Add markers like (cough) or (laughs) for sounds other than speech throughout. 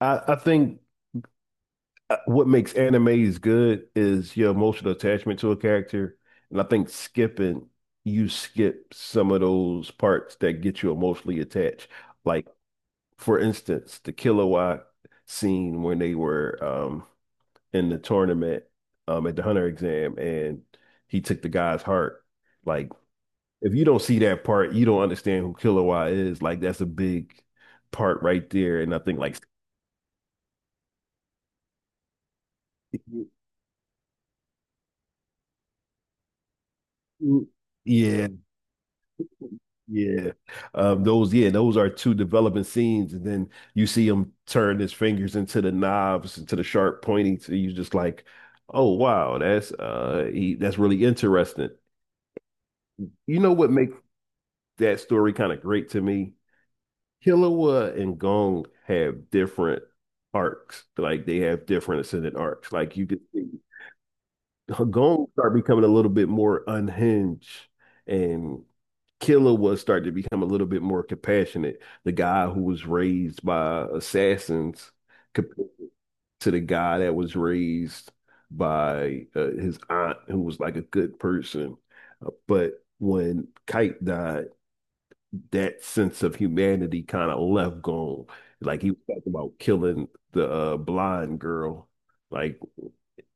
I think what makes animes good is your emotional attachment to a character. And I think you skip some of those parts that get you emotionally attached. Like, for instance, the Killua scene when they were in the tournament at the Hunter exam and he took the guy's heart. Like, if you don't see that part, you don't understand who Killua is. Like, that's a big part right there. And I think, like, yeah, Yeah, yeah, those are two developing scenes, and then you see him turn his fingers into the knobs, into the sharp pointy. So you just like, oh wow, that's that's really interesting. You know what makes that story kind of great to me? Killua and Gong have different arcs, like they have different ascendant arcs. Like you could see Gong start becoming a little bit more unhinged, and Killer was starting to become a little bit more compassionate. The guy who was raised by assassins compared to the guy that was raised by his aunt, who was like a good person. But when Kite died, that sense of humanity kind of left gone. Like he was talking about killing the blind girl. Like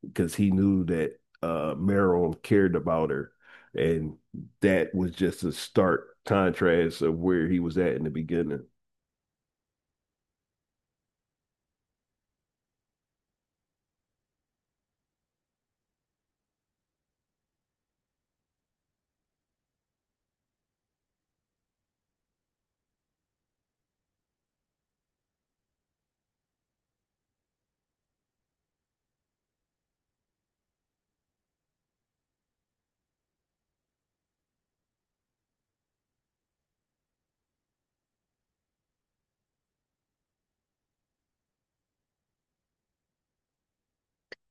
because he knew that Meryl cared about her, and that was just a stark contrast of where he was at in the beginning.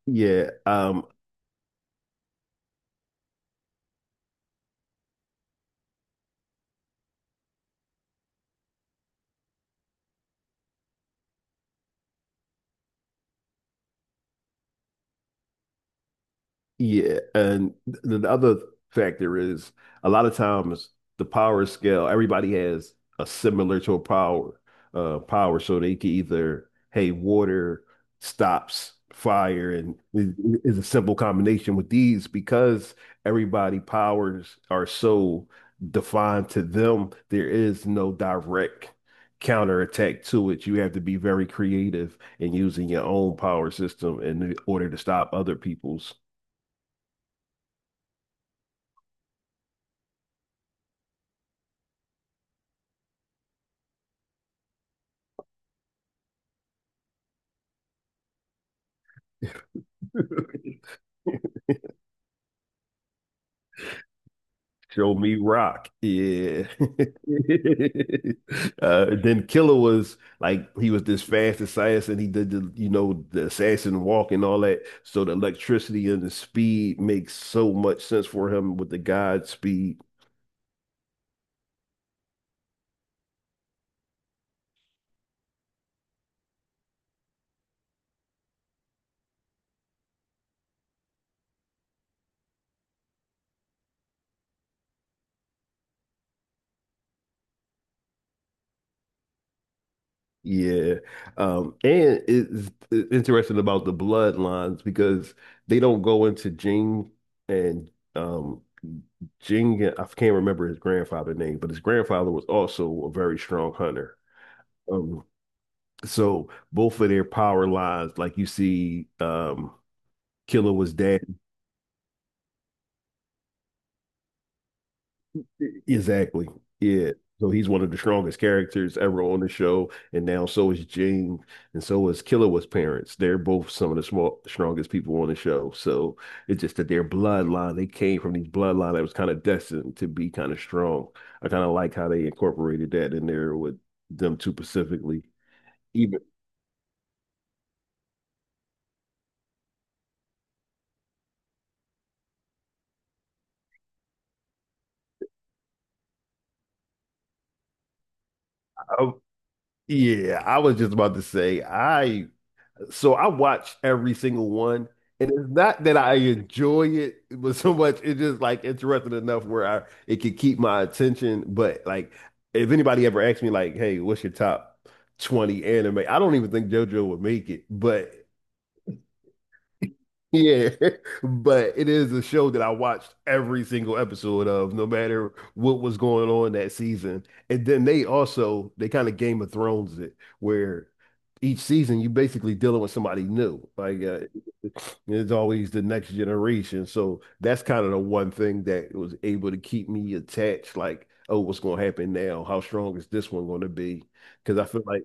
Yeah, um, Yeah, and the other factor is a lot of times the power scale, everybody has a similar to a power, power, so they can either, hey, water stops fire, and is a simple combination with these because everybody powers are so defined to them. There is no direct counterattack to it. You have to be very creative in using your own power system in order to stop other people's. (laughs) Show me rock. Yeah. (laughs) Then Killer was like he was this fast assassin. He did the the assassin walk and all that. So the electricity and the speed makes so much sense for him with the God speed. Yeah. And it's interesting about the bloodlines because they don't go into Jing and um Jing, I can't remember his grandfather name, but his grandfather was also a very strong hunter. Um, So both of their power lines, like you see, Killer was dead. Exactly. Yeah. So he's one of the strongest characters ever on the show, and now so is Jane, and so is Killer was parents. They're both some of the small strongest people on the show. So it's just that their bloodline, they came from these bloodline that was kind of destined to be kind of strong. I kind of like how they incorporated that in there with them two specifically. Even Oh, yeah, I was just about to say I watched every single one, and it's not that I enjoy it, but so much it's just like interesting enough where I it could keep my attention. But like, if anybody ever asked me like, "Hey, what's your top 20 anime?" I don't even think JoJo would make it, but yeah, (laughs) but it is a show that I watched every single episode of, no matter what was going on that season. And then they kind of Game of Thrones it, where each season you basically dealing with somebody new. Like it's always the next generation. So that's kind of the one thing that was able to keep me attached. Like, oh, what's going to happen now? How strong is this one going to be? Because I feel like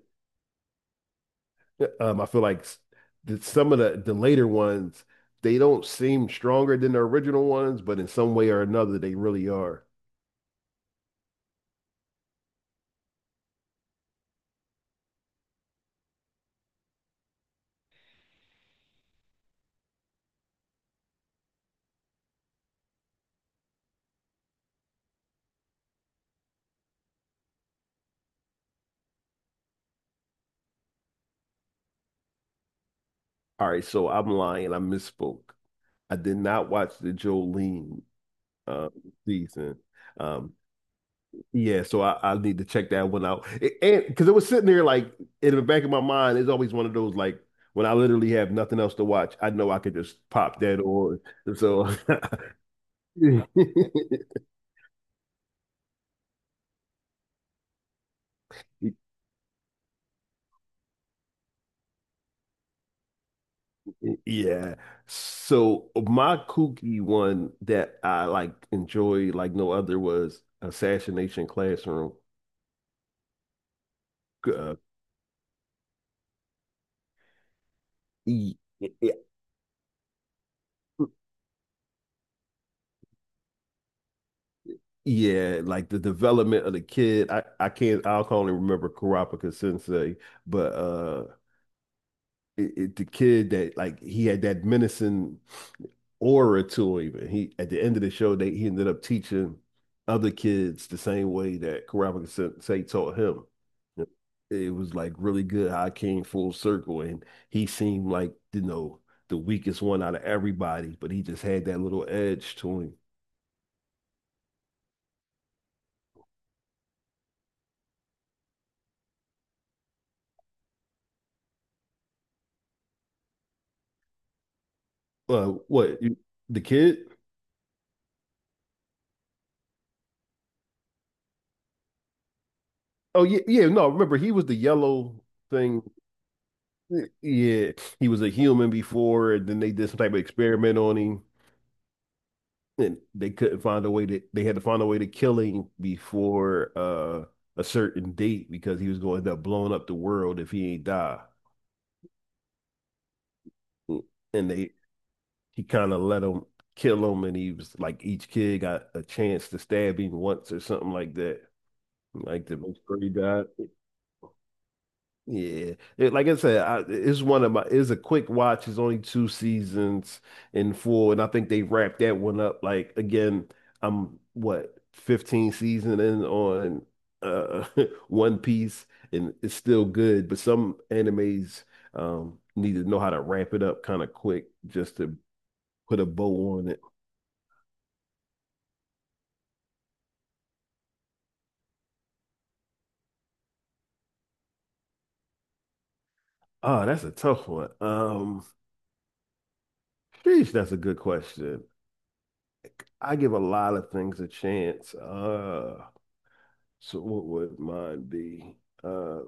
um, I feel like s- that some of the later ones they don't seem stronger than the original ones, but in some way or another they really are. All right, so I'm lying. I misspoke. I did not watch the Jolene um, season. Um, yeah, so I need to check that one out. It- and Because it was sitting there like in the back of my mind, it's always one of those like when I literally have nothing else to watch, I know I could just pop that on. So. (laughs) (laughs) Yeah. So my kooky one that I like enjoy like no other was Assassination Classroom. Uh, y- y- yeah, like the development of the kid. I can't I can only remember Kurapika Sensei, but the kid that like he had that menacing orator even. He at the end of the show, they he ended up teaching other kids the same way that Karama Sensei taught him. It was like really good how I came full circle and he seemed like, you know, the weakest one out of everybody, but he just had that little edge to him. Uh, what you- the kid? Oh yeah, yeah. No, remember he was the yellow thing. Yeah, he was a human before, and then they did some type of experiment on him. And they couldn't find a way to they had to find a way to kill him before a certain date because he was going to end up blowing up the world if he ain't die. And they he kind of let him kill him and he was like each kid got a chance to stab him once or something like that. Like the before he died. Yeah, like I said, it's one of my. It's a quick watch. It's only two seasons in full, and I think they wrapped that one up. Like again, I'm what 15 season in on uh (laughs) One Piece, and it's still good. But some animes need to know how to ramp it up kind of quick just to put a bow on it. Oh, that's a tough one. Sheesh, that's a good question. I give a lot of things a chance. So what would mine be? Uh,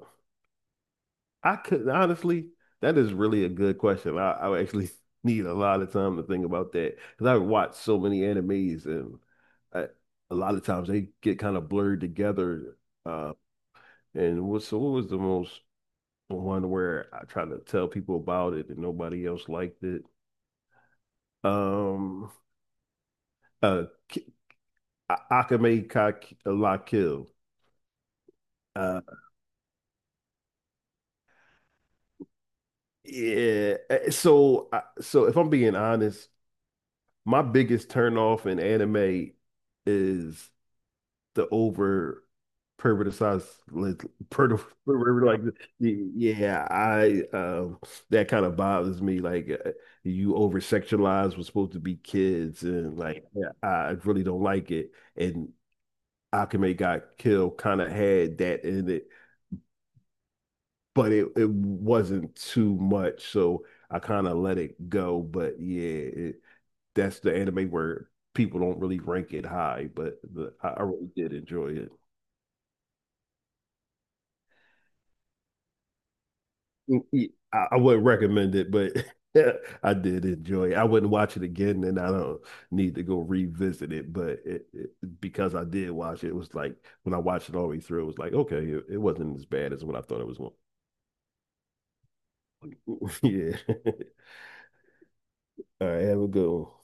I could honestly, that is really a good question. I would actually (laughs) need a lot of time to think about that because I watch so many animes and I, a lot of times they get kind of blurred together. Uh, so what was the most one where I tried to tell people about it and nobody else liked it? Um, uh, Ki- Akame Ka La Kill. Uh, yeah. So, so if I'm being honest. My biggest turn off in anime is the over perverticized. Yeah I that kind of bothers me like you over sexualize what's supposed to be kids and like yeah, I really don't like it. And Akame got killed kind of had that in it, but it wasn't too much so I kind of let it go. But yeah, that's the anime where people don't really rank it high, but I really did enjoy it. I wouldn't recommend it, but (laughs) I did enjoy it. I wouldn't watch it again, and I don't need to go revisit it. But because I did watch it, it was like when I watched it all the way through, it was like okay, it wasn't as bad as what I thought it was. Going. To. (laughs) Yeah. (laughs) All right. Have a good one.